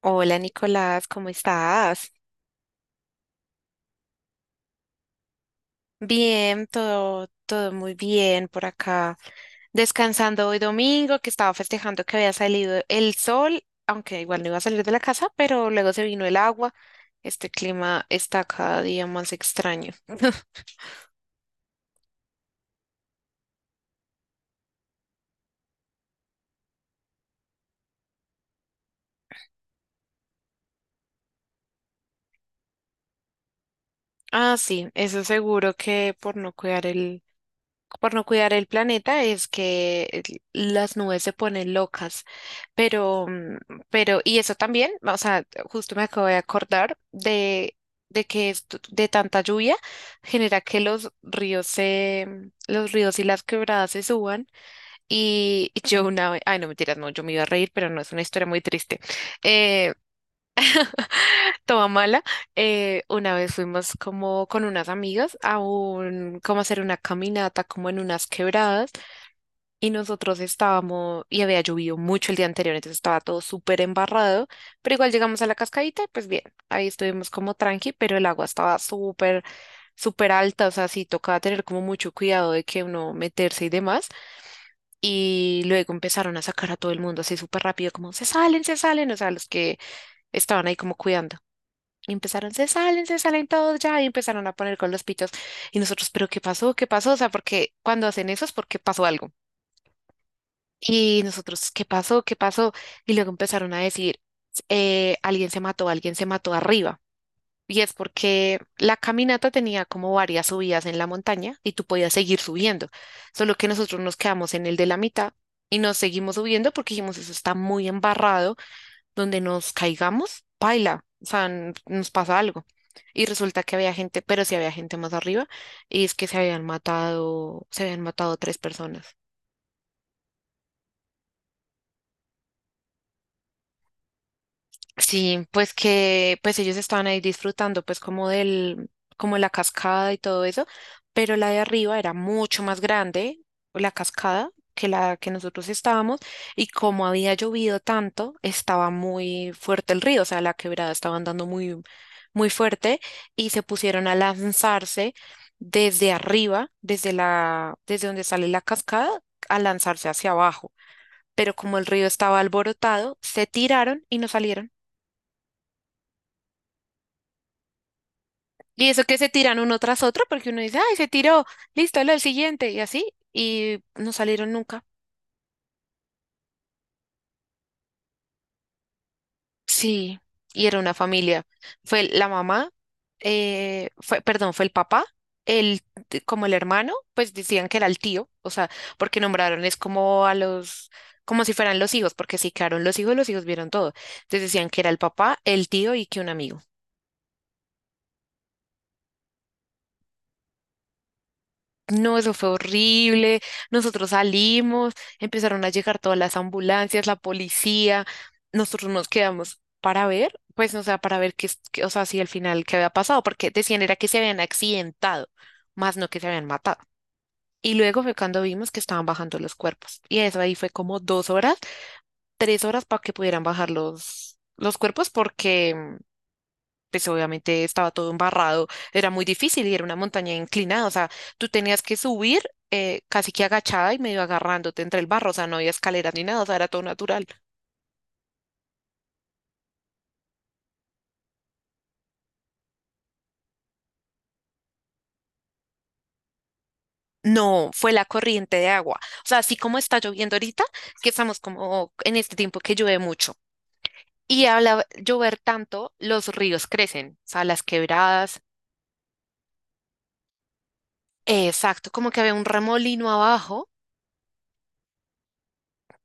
Hola Nicolás, ¿cómo estás? Bien, todo, todo muy bien por acá. Descansando hoy domingo, que estaba festejando que había salido el sol, aunque igual no iba a salir de la casa, pero luego se vino el agua. Este clima está cada día más extraño. Ah, sí, eso seguro que por no cuidar el, por no cuidar el planeta es que las nubes se ponen locas. Pero, mm, pero, y eso también, o sea, justo me acabo de acordar de que de tanta lluvia genera que los ríos y las quebradas se suban. Y yo una vez, ay no mentiras, no, yo me iba a reír, pero no, es una historia muy triste, eh, toda mala. Una vez fuimos como con unas amigas como a hacer una caminata como en unas quebradas, y había llovido mucho el día anterior, entonces estaba todo súper embarrado, pero igual llegamos a la cascadita, y pues bien, ahí estuvimos como tranqui, pero el agua estaba súper, súper alta, o sea, sí tocaba tener como mucho cuidado de que uno meterse y demás. Y luego empezaron a sacar a todo el mundo así súper rápido, como se salen, o sea, los que estaban ahí como cuidando. Y empezaron, se salen todos ya, y empezaron a poner con los pitos. Y nosotros, pero ¿qué pasó? ¿Qué pasó? O sea, porque cuando hacen eso es porque pasó algo. Y nosotros, ¿qué pasó? ¿Qué pasó? Y luego empezaron a decir, alguien se mató arriba. Y es porque la caminata tenía como varias subidas en la montaña y tú podías seguir subiendo. Solo que nosotros nos quedamos en el de la mitad y nos seguimos subiendo porque dijimos, eso está muy embarrado, donde nos caigamos, paila, o sea, nos pasa algo. Y resulta que había gente, pero sí había gente más arriba, y es que se habían matado tres personas. Sí, pues que pues ellos estaban ahí disfrutando pues como del como la cascada y todo eso, pero la de arriba era mucho más grande, la cascada que la que nosotros estábamos, y como había llovido tanto, estaba muy fuerte el río, o sea, la quebrada estaba andando muy muy fuerte, y se pusieron a lanzarse desde arriba, desde donde sale la cascada, a lanzarse hacia abajo, pero como el río estaba alborotado, se tiraron y no salieron. Y eso que se tiran uno tras otro, porque uno dice, ay, se tiró, listo, lo el siguiente, y así, y no salieron nunca. Sí, y era una familia. Fue la mamá, fue, perdón, fue el papá, el, como el hermano, pues decían que era el tío, o sea, porque nombraron es como como si fueran los hijos, porque si quedaron los hijos vieron todo. Entonces decían que era el papá, el tío y que un amigo. No, eso fue horrible. Nosotros salimos, empezaron a llegar todas las ambulancias, la policía. Nosotros nos quedamos para ver, pues, o sea, para ver qué, o sea, si al final qué había pasado, porque decían era que se habían accidentado, más no que se habían matado. Y luego fue cuando vimos que estaban bajando los cuerpos. Y eso ahí fue como 2 horas, 3 horas para que pudieran bajar los cuerpos, porque pues obviamente estaba todo embarrado, era muy difícil y era una montaña inclinada, o sea, tú tenías que subir casi que agachada y medio agarrándote entre el barro, o sea, no había escaleras ni nada, o sea, era todo natural. No, fue la corriente de agua, o sea, así como está lloviendo ahorita, que estamos como en este tiempo que llueve mucho. Y al llover tanto, los ríos crecen, o sea, las quebradas, exacto, como que había un remolino abajo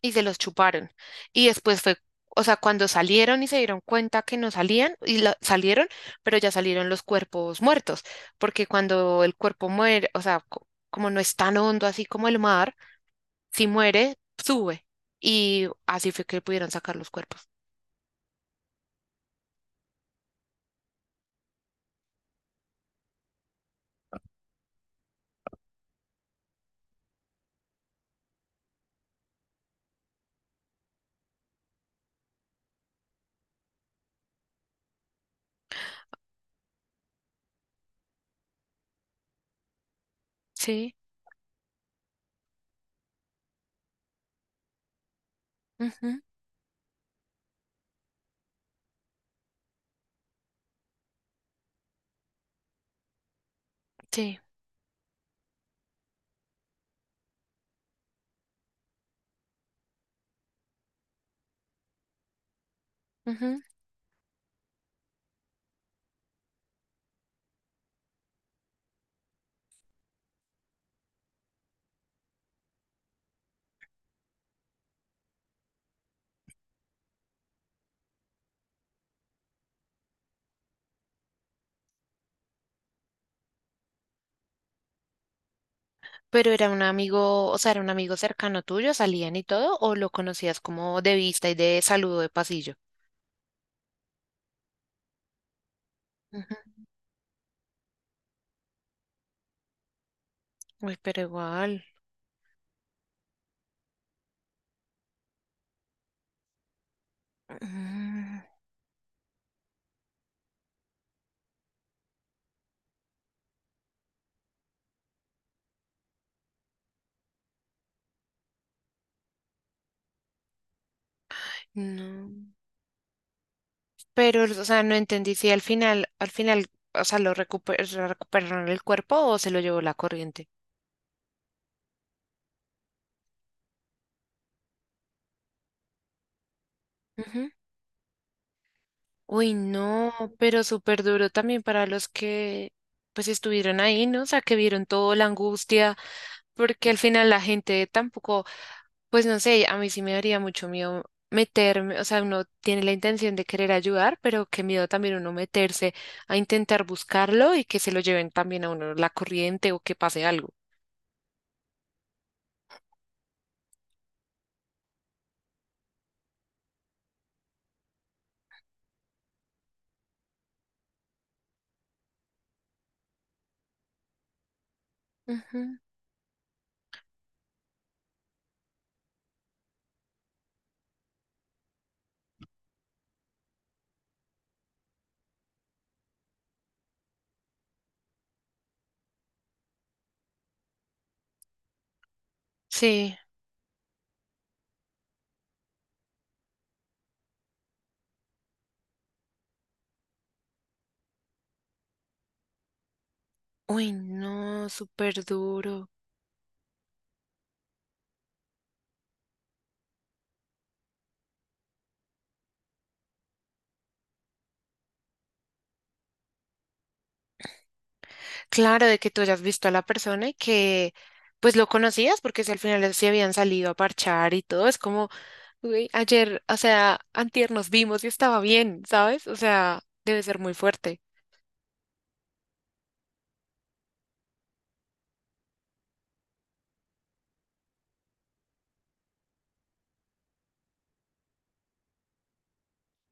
y se los chuparon. Y después fue, o sea, cuando salieron y se dieron cuenta que no salían, y salieron, pero ya salieron los cuerpos muertos, porque cuando el cuerpo muere, o sea, como no es tan hondo así como el mar, si muere, sube. Y así fue que pudieron sacar los cuerpos. Sí, ujú, sí. Ujú. Pero era un amigo, o sea, era un amigo cercano tuyo, salían y todo, o lo conocías como de vista y de saludo de pasillo. Ujú. Uy, pero igual. Mm. No. Pero, o sea, no entendí si al final, al final, o sea, recuperaron el cuerpo o se lo llevó la corriente. Ujú. Uy, no, pero súper duro también para los que pues estuvieron ahí, ¿no? O sea, que vieron toda la angustia, porque al final la gente tampoco, pues no sé, a mí sí me daría mucho miedo meterme, o sea, uno tiene la intención de querer ayudar, pero qué miedo también uno meterse a intentar buscarlo y que se lo lleven también a uno la corriente o que pase algo. Ujú. Sí. Uy, no, súper duro. Claro, de que tú hayas visto a la persona y que pues lo conocías porque si al final se habían salido a parchar y todo, es como, uy, ayer, o sea, antier nos vimos y estaba bien, ¿sabes? O sea, debe ser muy fuerte.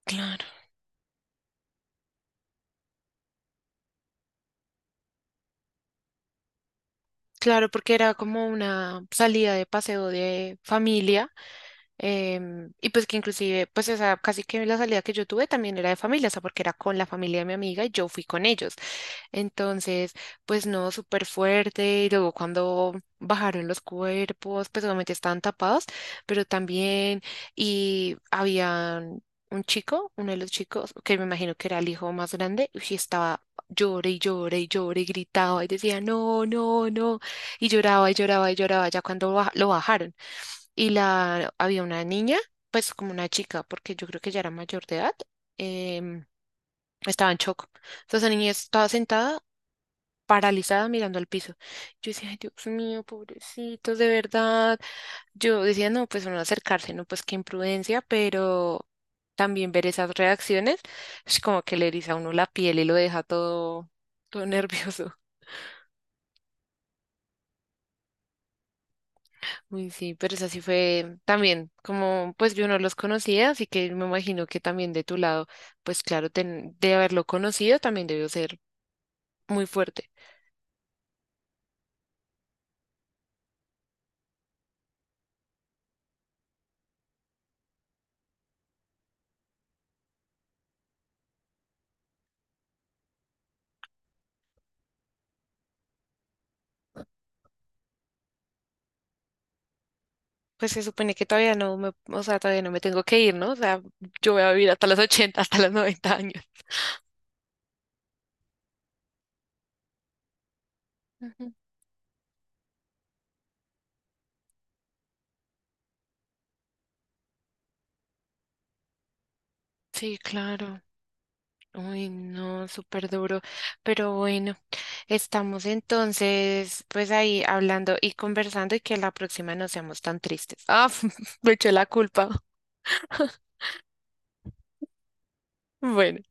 Claro. Claro, porque era como una salida de paseo de familia. Y pues que inclusive, pues esa casi que la salida que yo tuve también era de familia, o sea, porque era con la familia de mi amiga y yo fui con ellos. Entonces, pues no, súper fuerte. Y luego cuando bajaron los cuerpos, pues obviamente estaban tapados, pero también, y había un chico, uno de los chicos, que me imagino que era el hijo más grande, y estaba llore y llore y llore y gritaba y decía, no, no, no. Y lloraba y lloraba y lloraba ya cuando lo bajaron. Y había una niña, pues como una chica, porque yo creo que ya era mayor de edad, em, estaba en shock. Entonces la niña estaba sentada paralizada mirando al piso. Yo decía, "Ay, Dios mío, pobrecitos, de verdad". Yo decía, no, pues no acercarse, no, pues qué imprudencia, pero también ver esas reacciones es como que le eriza a uno la piel y lo deja todo, todo nervioso. Uy, sí, pero esa sí fue también, como pues yo no los conocía, así que me imagino que también de tu lado, pues claro, de haberlo conocido también debió ser muy fuerte. Pues se supone que todavía no me, o sea, todavía no me tengo que ir, ¿no? O sea, yo voy a vivir hasta los 80, hasta los 90 años. Ujú. Sí, claro. Uy, no, súper duro. Pero bueno, estamos entonces, pues ahí hablando y conversando y que la próxima no seamos tan tristes. Ah, me eché la culpa. Bueno.